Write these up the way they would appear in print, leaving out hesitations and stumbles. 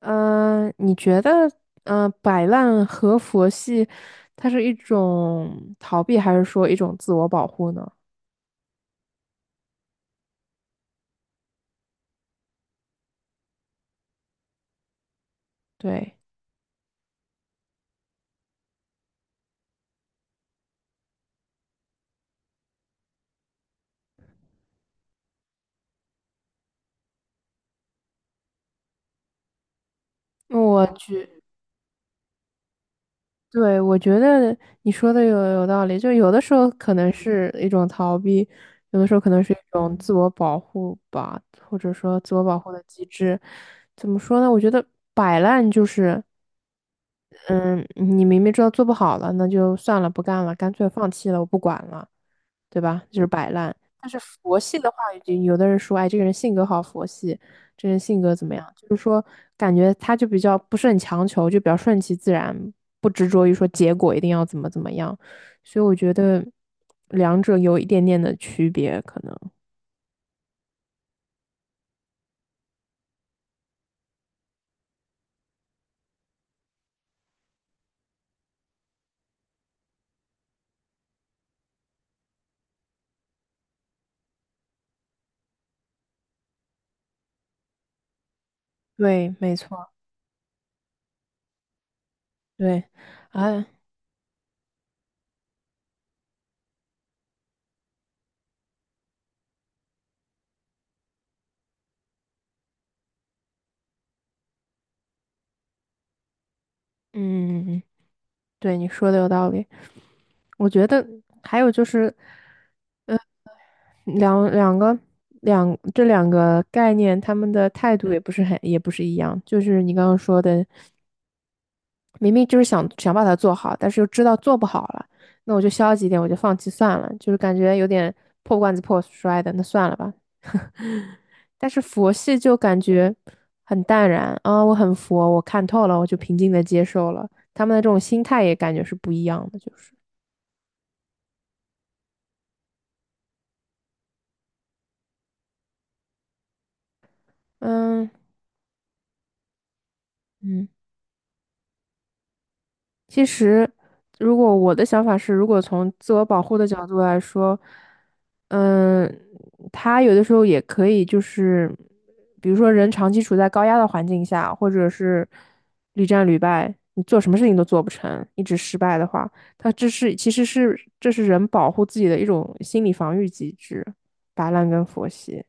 嗯、你觉得，摆烂和佛系，它是一种逃避，还是说一种自我保护呢？对，我觉 对，我觉得你说的有道理，就有的时候可能是一种逃避，有的时候可能是一种自我保护吧，或者说自我保护的机制。怎么说呢？我觉得摆烂就是，嗯，你明明知道做不好了，那就算了，不干了，干脆放弃了，我不管了。对吧？就是摆烂。但是佛系的话，有的人说，哎，这个人性格好佛系，这个人性格怎么样？就是说，感觉他就比较不是很强求，就比较顺其自然，不执着于说结果一定要怎么怎么样。所以我觉得两者有一点点的区别，可能。对，没错，对，啊，嗯，对，你说的有道理。我觉得还有就是，两两个两这两个概念，他们的态度也不是很也不是一样。就是你刚刚说的，明明就是想把它做好，但是又知道做不好了，那我就消极一点，我就放弃算了，就是感觉有点破罐子破摔的，那算了吧。但是佛系就感觉很淡然啊，我很佛，我看透了，我就平静的接受了。他们的这种心态也感觉是不一样的，就是嗯嗯。其实，如果我的想法是，如果从自我保护的角度来说，嗯，他有的时候也可以，就是比如说人长期处在高压的环境下，或者是屡战屡败，你做什么事情都做不成，一直失败的话，他这是其实是这是人保护自己的一种心理防御机制，摆烂跟佛系。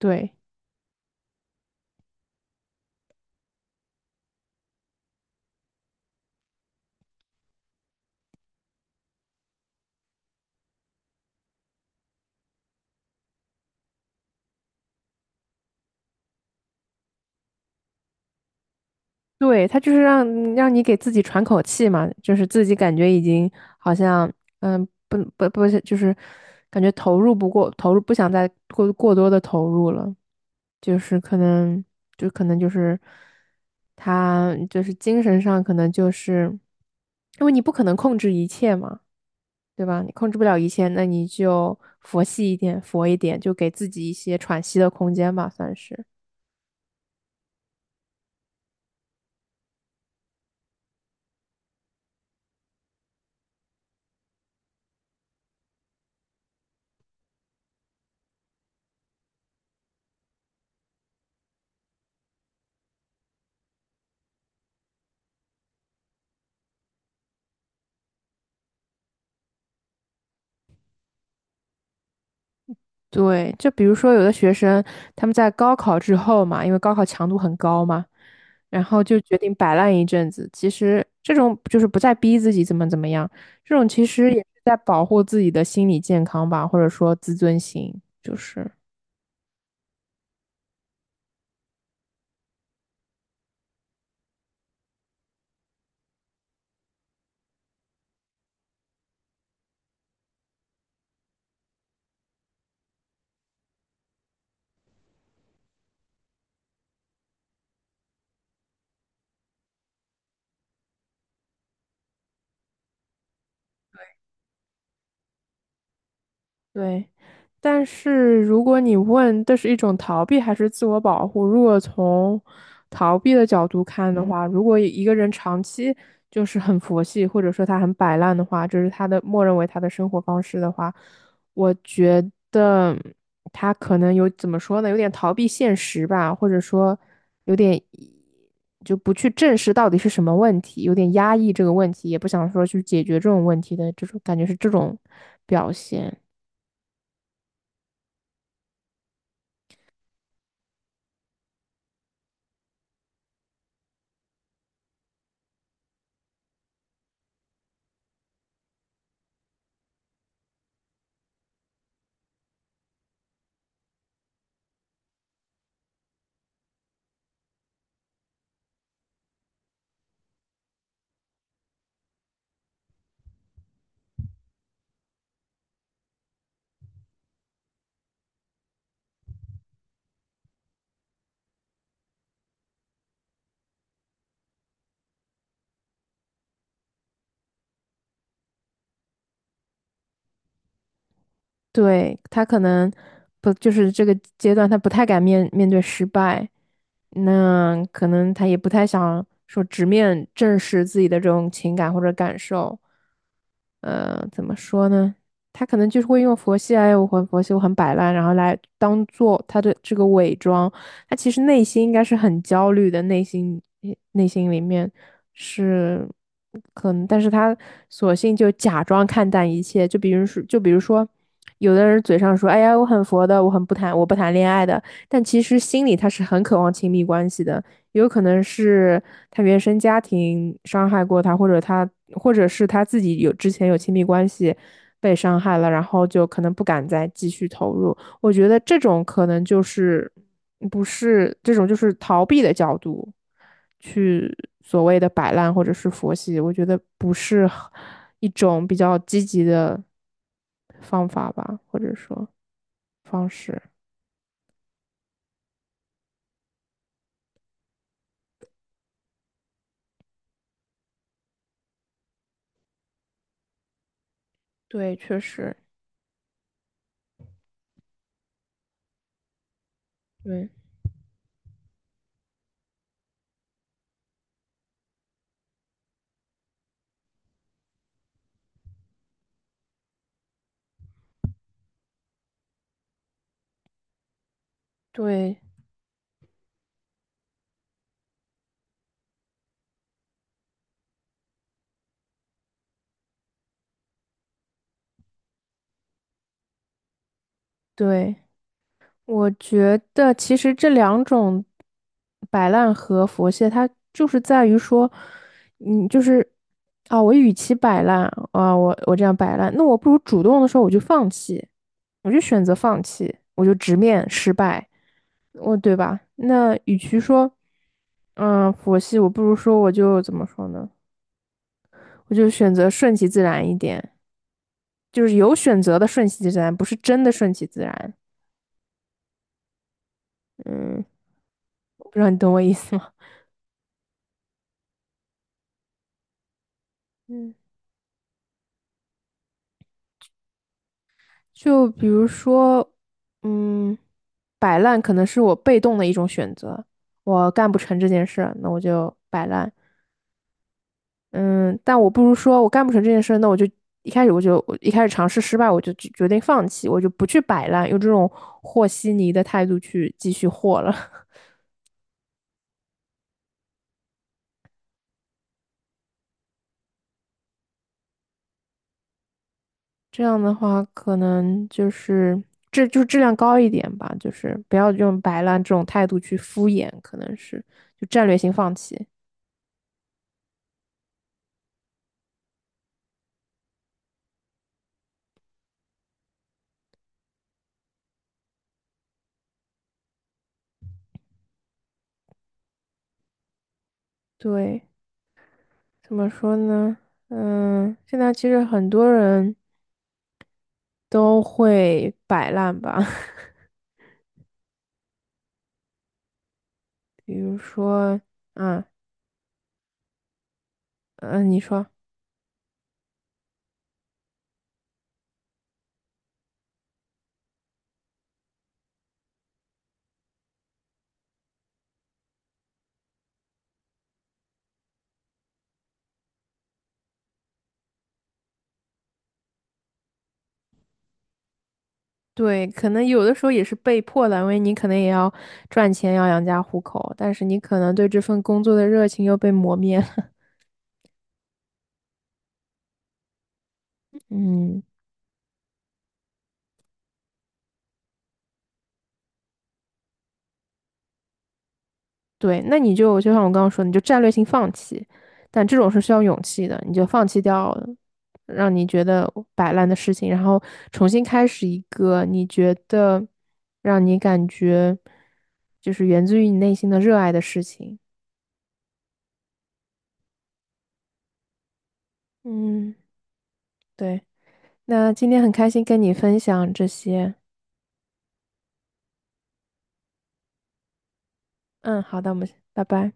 对。对，他就是让你给自己喘口气嘛，就是自己感觉已经好像，嗯，不是，就是感觉投入不想再过多的投入了，就是可能就可能就是他就是精神上可能就是，因为你不可能控制一切嘛，对吧？你控制不了一切，那你就佛系一点，佛一点，就给自己一些喘息的空间吧，算是。对，就比如说有的学生他们在高考之后嘛，因为高考强度很高嘛，然后就决定摆烂一阵子。其实这种就是不再逼自己怎么怎么样，这种其实也是在保护自己的心理健康吧，或者说自尊心，就是。对，但是如果你问这是一种逃避还是自我保护，如果从逃避的角度看的话，如果一个人长期就是很佛系，或者说他很摆烂的话，就是他的默认为他的生活方式的话，我觉得他可能有怎么说呢，有点逃避现实吧，或者说有点就不去正视到底是什么问题，有点压抑这个问题，也不想说去解决这种问题的这种感觉是这种表现。对，他可能不就是这个阶段，他不太敢面对失败，那可能他也不太想说直面正视自己的这种情感或者感受。呃，怎么说呢？他可能就是会用佛系，哎，我很佛系，我很摆烂，然后来当做他的这个伪装，他其实内心应该是很焦虑的，内心里面是可能，但是他索性就假装看淡一切，就比如说，有的人嘴上说，哎呀，我很佛的，我很不谈，我不谈恋爱的，但其实心里他是很渴望亲密关系的，有可能是他原生家庭伤害过他，或者他，或者是他自己有之前有亲密关系被伤害了，然后就可能不敢再继续投入。我觉得这种可能就是不是这种就是逃避的角度去所谓的摆烂或者是佛系，我觉得不是一种比较积极的方法吧，或者说方式。对，确实，对对对，我觉得其实这两种摆烂和佛系，它就是在于说，嗯，就是啊，我与其摆烂啊，我这样摆烂，那我不如主动的时候我就放弃，我就选择放弃，我就直面失败，我对吧？那与其说，嗯，佛系，我不如说我就怎么说呢？我就选择顺其自然一点，就是有选择的顺其自然，不是真的顺其自然。嗯，不知道你懂我意思吗？嗯。就比如说，嗯，摆烂可能是我被动的一种选择，我干不成这件事，那我就摆烂。嗯，但我不如说我干不成这件事，那我就一开始尝试失败，我就决定放弃，我就不去摆烂，用这种和稀泥的态度去继续和了。这样的话，可能就是这就是质量高一点吧，就是不要用摆烂这种态度去敷衍，可能是就战略性放弃。对。怎么说呢？嗯，现在其实很多人都会摆烂吧，比如说，啊，嗯，你说，对，可能有的时候也是被迫的，因为你可能也要赚钱，要养家糊口，但是你可能对这份工作的热情又被磨灭了。嗯。对，那你就像我刚刚说的你就战略性放弃，但这种是需要勇气的，你就放弃掉让你觉得摆烂的事情，然后重新开始一个你觉得让你感觉就是源自于你内心的热爱的事情。嗯，对，那今天很开心跟你分享这些。嗯，好的，我们拜拜。